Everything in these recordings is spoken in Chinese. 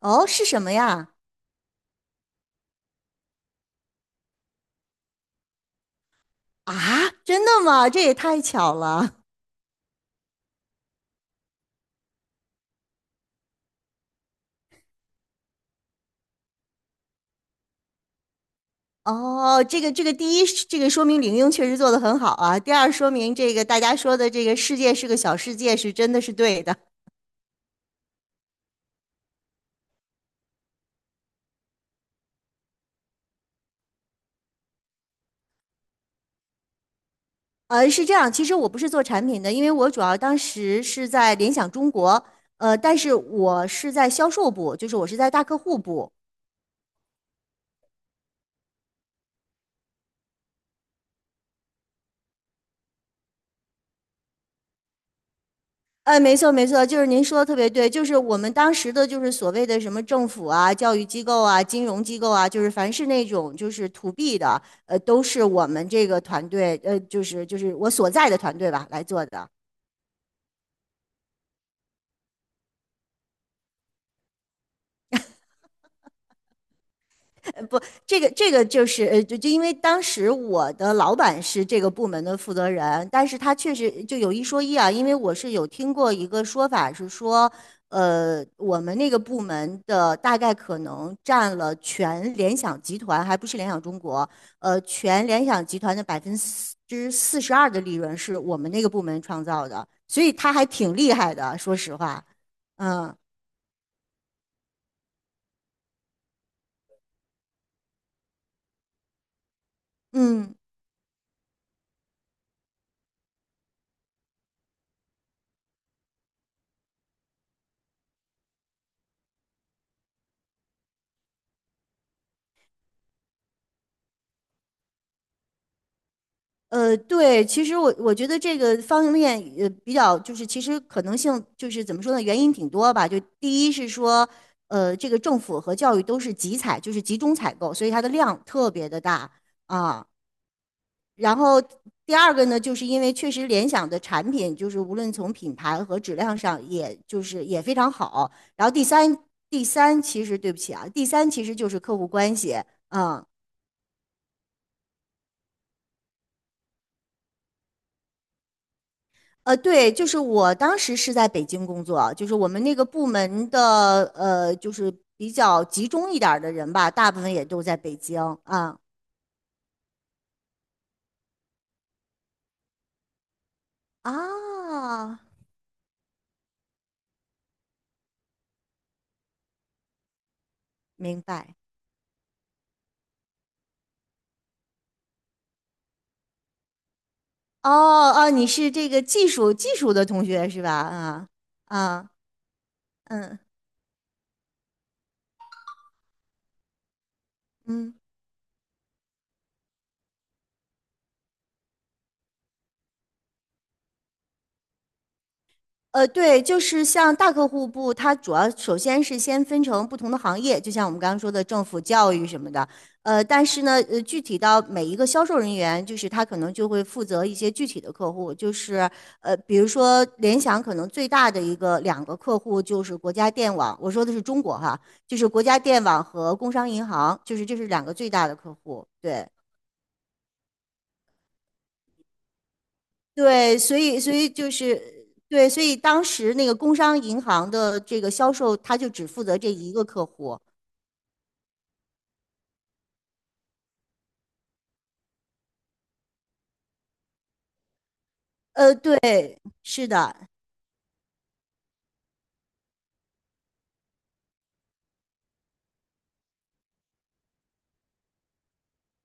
哦，是什么呀？啊，真的吗？这也太巧了。哦，这个，第一，这个说明玲英确实做得很好啊。第二，说明这个大家说的这个世界是个小世界是真的是对的。是这样，其实我不是做产品的，因为我主要当时是在联想中国，但是我是在销售部，就是我是在大客户部。哎，没错没错，就是您说的特别对，就是我们当时的，就是所谓的什么政府啊、教育机构啊、金融机构啊，就是凡是那种就是 to B 的，都是我们这个团队，就是我所在的团队吧来做的。不，这个就是就因为当时我的老板是这个部门的负责人，但是他确实就有一说一啊，因为我是有听过一个说法是说，我们那个部门的大概可能占了全联想集团，还不是联想中国，全联想集团的42%的利润是我们那个部门创造的，所以他还挺厉害的，说实话，嗯嗯。对，其实我觉得这个方便面呃比较就是其实可能性就是怎么说呢，原因挺多吧。就第一是说，这个政府和教育都是集采，就是集中采购，所以它的量特别的大啊。然后第二个呢，就是因为确实联想的产品就是无论从品牌和质量上，也就是也非常好。然后第三，第三其实对不起啊，第三其实就是客户关系啊，对，就是我当时是在北京工作，就是我们那个部门的就是比较集中一点儿的人吧，大部分也都在北京啊啊，明白。哦哦，你是这个技术的同学是吧？啊啊嗯嗯。对，就是像大客户部，它主要首先是先分成不同的行业，就像我们刚刚说的政府、教育什么的。但是呢，具体到每一个销售人员，就是他可能就会负责一些具体的客户，就是比如说联想可能最大的一个两个客户就是国家电网，我说的是中国哈，就是国家电网和工商银行，就是这是两个最大的客户，对。对，所以所以，所以当时那个工商银行的这个销售，他就只负责这一个客户。对，是的，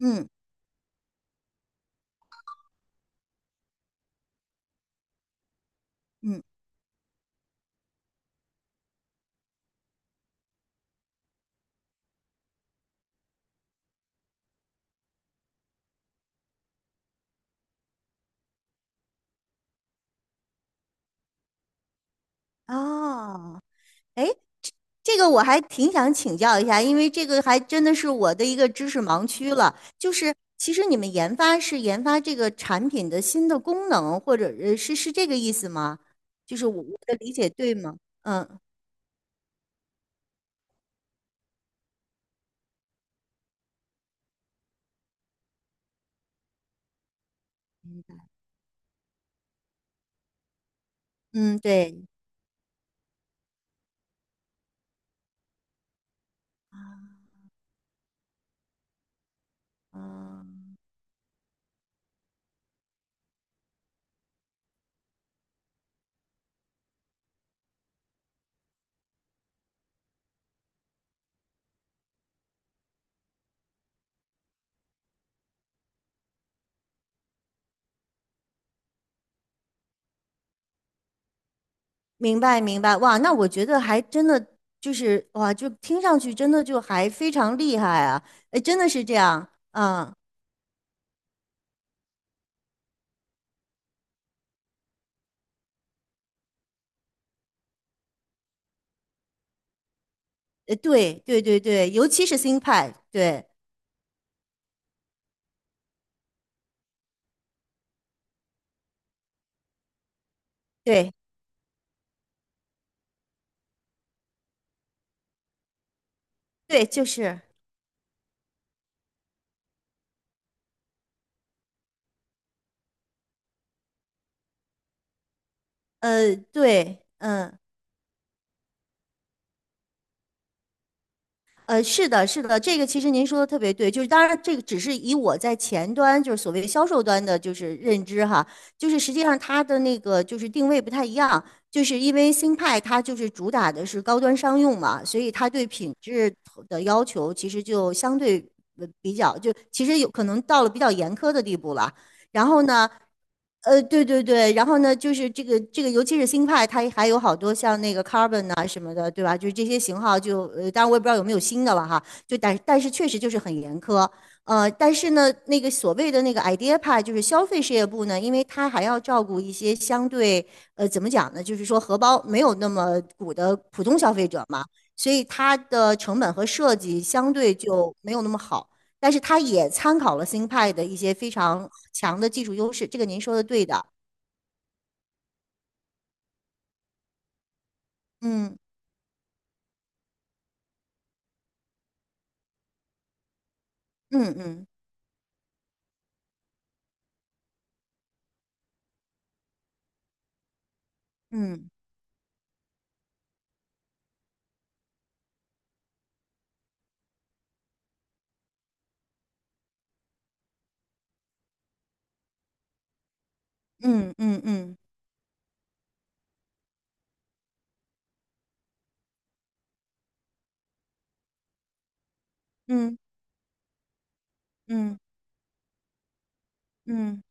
嗯嗯，哦，哎，这个我还挺想请教一下，因为这个还真的是我的一个知识盲区了。就是其实你们研发是研发这个产品的新的功能，或者是这个意思吗？就是我的理解对吗？嗯嗯，对，啊、明白明白，哇，那我觉得还真的就是哇，就听上去真的就还非常厉害啊，哎，真的是这样，嗯，对对对对，尤其是新派，对对对，就是，对，嗯。是的，是的，这个其实您说的特别对，就是当然这个只是以我在前端，就是所谓销售端的，就是认知哈，就是实际上它的那个就是定位不太一样，就是因为新派它就是主打的是高端商用嘛，所以它对品质的要求其实就相对比较，就其实有可能到了比较严苛的地步了。然后呢，对对对，然后呢，就是这个，尤其是新派，它还有好多像那个 Carbon 啊什么的，对吧？就是这些型号就，当然我也不知道有没有新的了哈，就但是确实就是很严苛，但是呢，那个所谓的那个 idea 派，就是消费事业部呢，因为它还要照顾一些相对，怎么讲呢？就是说荷包没有那么鼓的普通消费者嘛，所以它的成本和设计相对就没有那么好。但是它也参考了新派的一些非常强的技术优势，这个您说的对的。嗯嗯嗯嗯嗯嗯嗯嗯嗯嗯，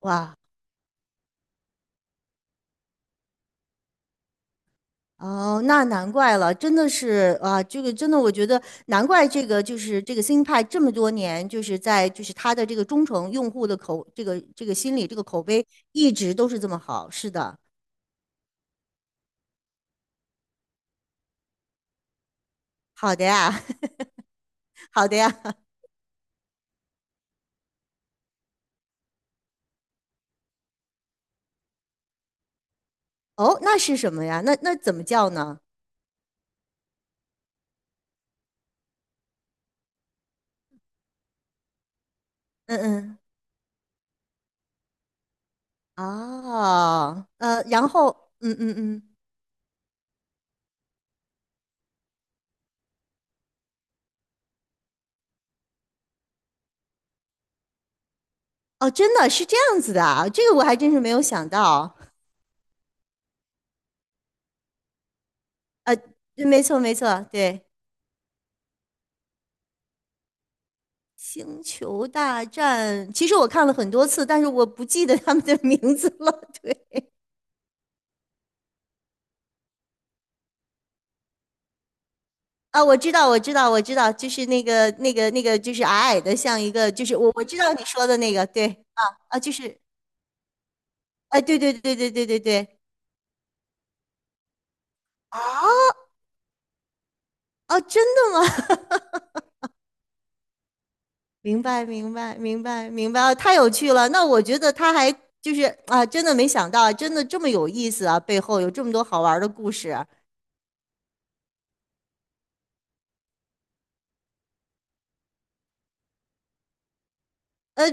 哇哦，那难怪了，真的是啊，这个真的，我觉得难怪这个就是这个新派这么多年就是在就是它的这个忠诚用户的口这个这个心理这个口碑一直都是这么好。是的，好的呀，好的呀。哦，那是什么呀？那那怎么叫呢？嗯嗯。哦，然后，嗯嗯嗯，哦，真的是这样子的啊，这个我还真是没有想到。呃，对没错没错，对，《星球大战》，其实我看了很多次，但是我不记得他们的名字了。对，啊，我知道我知道我知道，就是那个那个那个，就是矮矮的，像一个，就是我知道你说的那个，对，啊啊，就是，哎、对对对对对对对，哦，真的吗？明白，明白，明白，明白，啊太有趣了。那我觉得他还就是啊，真的没想到，真的这么有意思啊，背后有这么多好玩儿的故事啊。呃，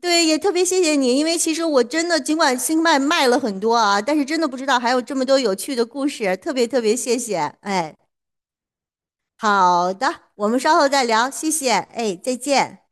对，也特别谢谢你，因为其实我真的尽管星脉卖了很多啊，但是真的不知道还有这么多有趣的故事，特别特别谢谢。哎，好的，我们稍后再聊，谢谢。哎，再见。